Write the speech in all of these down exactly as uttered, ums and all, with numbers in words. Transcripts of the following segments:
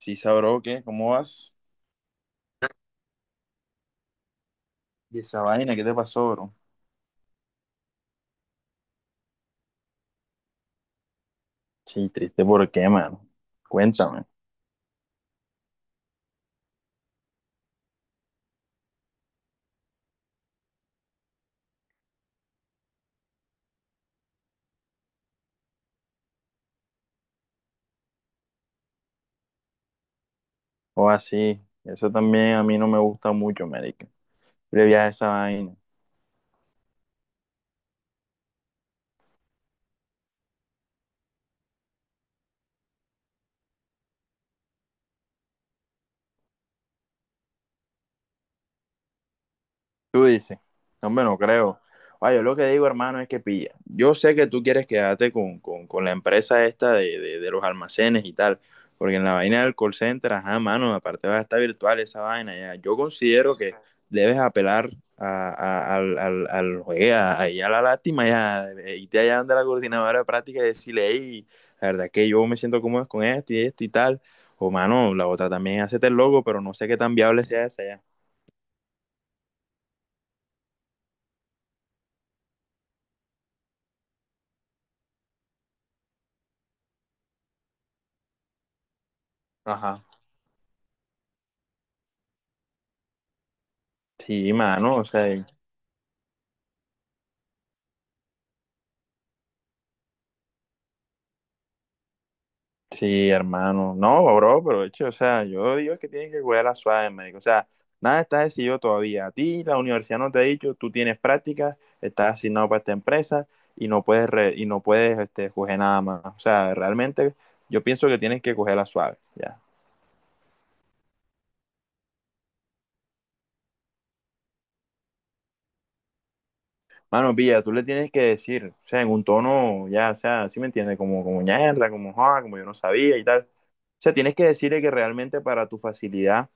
Sí, sabró, ¿qué? ¿Cómo vas? ¿Y esa vaina? ¿Qué te pasó, bro? Sí, triste, ¿por qué, mano? Cuéntame. O así, eso también a mí no me gusta mucho, marica. Le vi a esa vaina. Tú dices, "No, hombre, no me lo creo." Oye, yo lo que digo, hermano, es que pilla. Yo sé que tú quieres quedarte con, con, con la empresa esta de, de, de los almacenes y tal, porque en la vaina del call center, ajá, mano, aparte va a estar virtual esa vaina, ya. Yo considero que debes apelar a, a- al, al, al- oye, a- ahí a la lástima, ya, eh, irte allá donde la coordinadora de práctica y decirle, hey, la verdad es que yo me siento cómodo con esto y esto y tal. O, mano, la otra también, hacete el logo, pero no sé qué tan viable sea esa ya. Ajá. Sí, mano, o sea, y- sí, hermano. No, bro, pero de hecho, o sea, yo digo que tienes que cuidar la suave, médico. O sea, nada está decidido todavía. A ti la universidad no te ha dicho, tú tienes prácticas, estás asignado para esta empresa y no puedes re- y no puedes este, coger nada más. O sea, realmente yo pienso que tienes que coger la suave, ya. Mano, pilla, tú le tienes que decir, o sea, en un tono, ya, o sea, sí me entiendes, como, como ñerda, como joda, como yo no sabía y tal. O sea, tienes que decirle que realmente para tu facilidad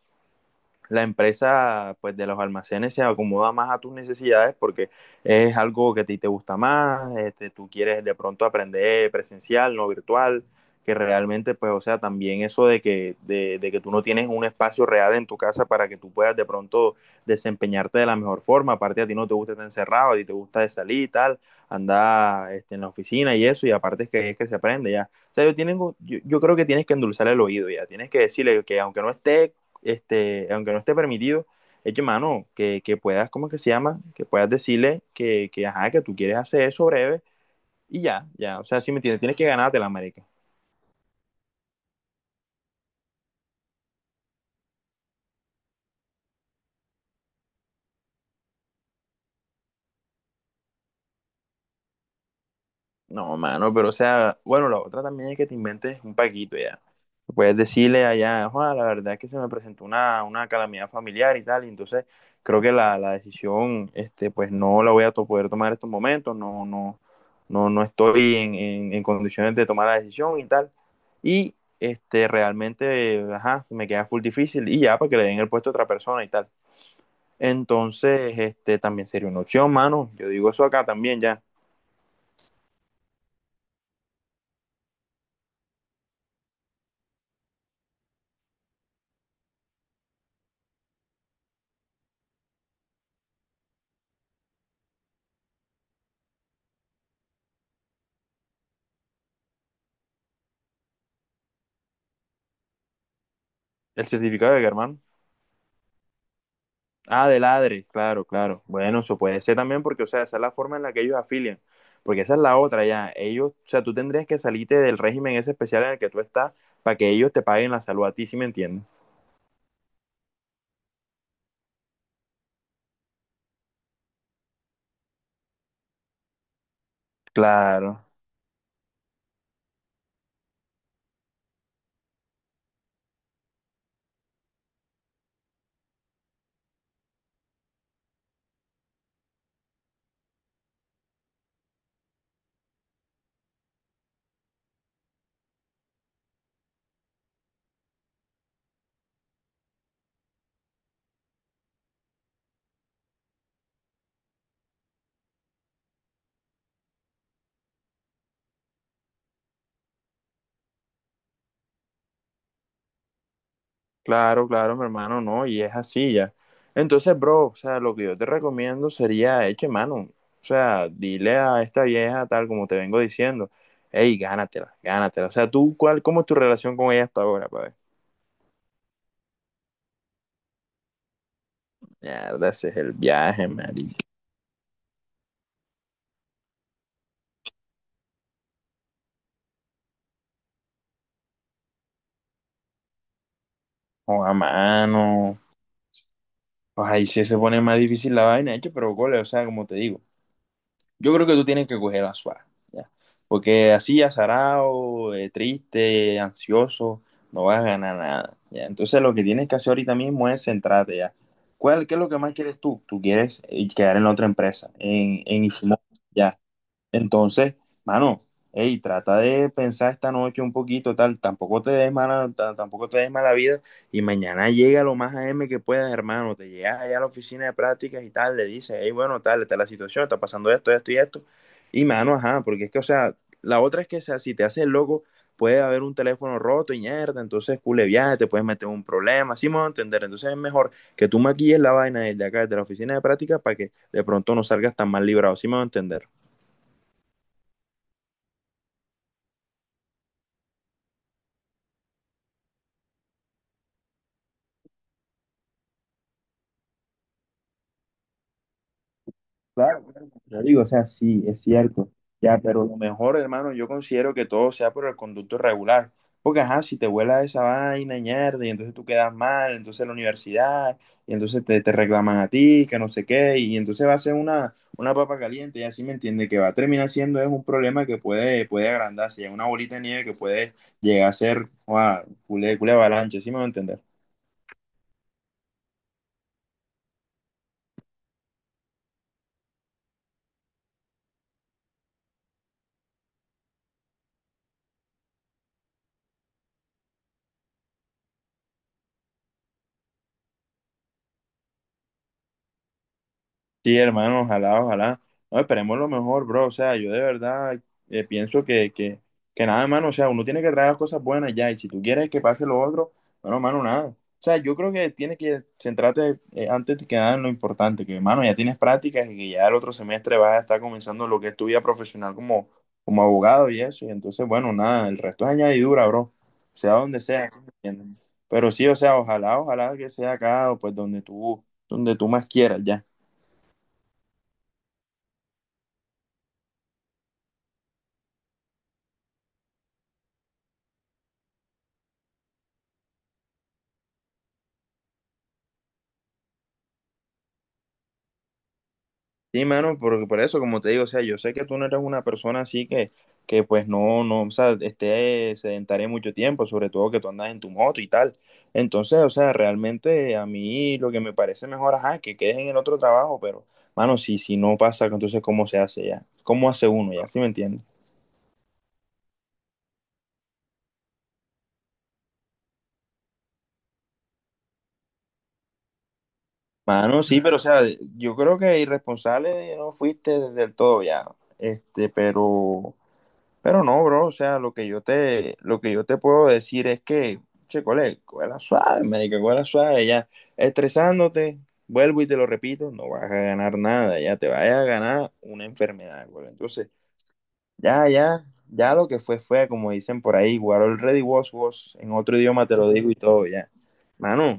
la empresa pues de los almacenes se acomoda más a tus necesidades porque es algo que a ti te gusta más, este, tú quieres de pronto aprender presencial, no virtual, que realmente pues o sea también eso de que, de, de que tú no tienes un espacio real en tu casa para que tú puedas de pronto desempeñarte de la mejor forma, aparte a ti no te gusta estar encerrado, a ti te gusta de salir y tal, andar este, en la oficina y eso, y aparte es que es que se aprende ya. O sea, yo, tienen, yo, yo creo que tienes que endulzar el oído ya, tienes que decirle que aunque no esté este, aunque no esté permitido, es mano, que, que puedas, ¿cómo es que se llama? Que puedas decirle que, que, ajá, que tú quieres hacer eso breve y ya, ya. O sea, si me entiendes, tienes que ganártela, marica. No, mano, pero o sea, bueno, la otra también es que te inventes un paquito ya. Puedes decirle allá, Juan, la verdad es que se me presentó una, una calamidad familiar y tal, y entonces creo que la, la decisión, este, pues no la voy a to- poder tomar en estos momentos, no, no, no, no estoy en, en- en condiciones de tomar la decisión y tal. Y este, realmente, ajá, me queda full difícil y ya, para que le den el puesto a otra persona y tal. Entonces, este, también sería una opción, mano. Yo digo eso acá también ya. ¿El certificado de que, hermano? Ah, de ladre, claro, claro. Bueno, eso puede ser también porque, o sea, esa es la forma en la que ellos afilian. Porque esa es la otra, ya. Ellos, o sea, tú tendrías que salirte del régimen ese especial en el que tú estás para que ellos te paguen la salud a ti, ¿sí me entiendes? Claro, claro, claro, mi hermano, no, y es así ya. Entonces, bro, o sea, lo que yo te recomiendo sería, eche mano, o sea, dile a esta vieja tal como te vengo diciendo, hey, gánatela, gánatela. O sea, tú, cuál, ¿cómo es tu relación con ella hasta ahora, pa' ver? Mierda, ese es el viaje, María. O a mano. Pues ahí sí se pone más difícil la vaina, hecho, pero cole, o sea, como te digo, yo creo que tú tienes que coger la suave, ya. Porque así, azarado, eh, triste, ansioso, no vas a ganar nada, ya. Entonces, lo que tienes que hacer ahorita mismo es centrarte, ya. ¿Cuál, qué es lo que más quieres tú? Tú quieres eh, quedar en la otra empresa, en, en Ichimoku, ya. Entonces, mano, hey, trata de pensar esta noche un poquito, tal, tampoco te des mala, ta- tampoco te des mala vida y mañana llega lo más a m que puedas, hermano, te llegas allá a la oficina de prácticas y tal, le dices, hey, bueno, tal, esta es la situación, está pasando esto, esto y esto, y mano, ajá, porque es que, o sea, la otra es que, o sea, si te haces el loco, puede haber un teléfono roto y mierda, entonces, cule viaje, te puedes meter en un problema, así me voy a entender, entonces es mejor que tú maquilles la vaina desde acá, desde la oficina de prácticas, para que de pronto no salgas tan mal librado, así me voy a entender. Claro, claro, yo digo, o sea, sí, es cierto. Ya, pero lo mejor, hermano, yo considero que todo sea por el conducto regular. Porque, ajá, si te vuela esa vaina, ñerda, y entonces tú quedas mal, entonces la universidad, y entonces te, te reclaman a ti, que no sé qué, y entonces va a ser una, una papa caliente, y así me entiende, que va a terminar siendo es un problema que puede, puede agrandarse, ya una bolita de nieve que puede llegar a ser, wow, culé, culé avalancha, ¿sí me va a entender? Sí, hermano, ojalá, ojalá. No, esperemos lo mejor, bro. O sea, yo de verdad eh, pienso que, que, que nada, hermano. O sea, uno tiene que traer las cosas buenas ya. Y si tú quieres que pase lo otro, bueno, hermano, nada. O sea, yo creo que tienes que centrarte eh, antes que nada en lo importante, que, hermano, ya tienes prácticas y que ya el otro semestre vas a estar comenzando lo que es tu vida profesional como, como abogado y eso. Y entonces, bueno, nada, el resto es añadidura, bro. Sea donde sea, ¿sí me entiendes? Pero sí, o sea, ojalá, ojalá que sea acá o pues donde tú, donde tú más quieras ya. Sí, mano, porque por eso, como te digo, o sea, yo sé que tú no eres una persona así que, que pues no, no, o sea, esté sedentaria mucho tiempo, sobre todo que tú andas en tu moto y tal. Entonces, o sea, realmente a mí lo que me parece mejor, ajá, es que quedes en el otro trabajo, pero, mano, si, si no pasa, entonces, ¿cómo se hace ya? ¿Cómo hace uno ya? ¿Sí me entiendes? Mano, sí, pero, o sea, yo creo que irresponsable no fuiste del todo ya, este, pero... Pero no, bro, o sea, lo que yo te, lo que yo te puedo decir es que, che, cole, cuela suave, marica, cuela suave, ya, estresándote, vuelvo y te lo repito, no vas a ganar nada, ya te vas a ganar una enfermedad, cole. Entonces, ya, ya, ya lo que fue, fue, como dicen por ahí, guardo el ready was, was, en otro idioma te lo digo y todo, ya. Mano,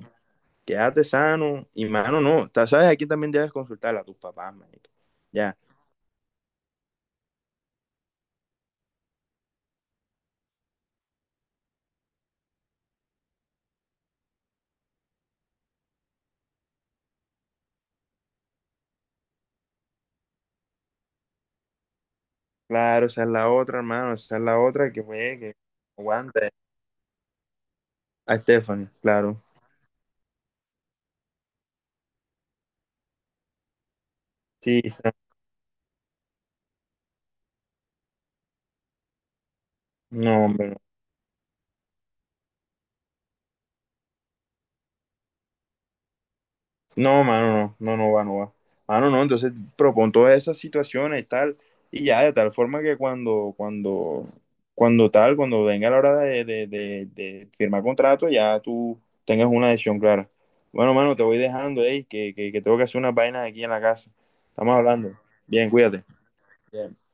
quédate sano, y mano, no, ta- sabes, aquí también debes consultar a tus papás, marica, ya. Claro, esa es la otra, hermano, esa es la otra que fue, que aguanta. A Stephanie, claro. Sí, sí. No, hombre, no. No, mano, no, no, no va, no va. Mano, no, entonces propon todas esas situaciones y tal, y ya de tal forma que cuando, cuando, cuando tal, cuando venga la hora de, de, de- de firmar contrato, ya tú tengas una decisión clara. Bueno, mano, te voy dejando, ey, que, que, que tengo que hacer unas vainas aquí en la casa. Estamos hablando. Bien, cuídate. Bien.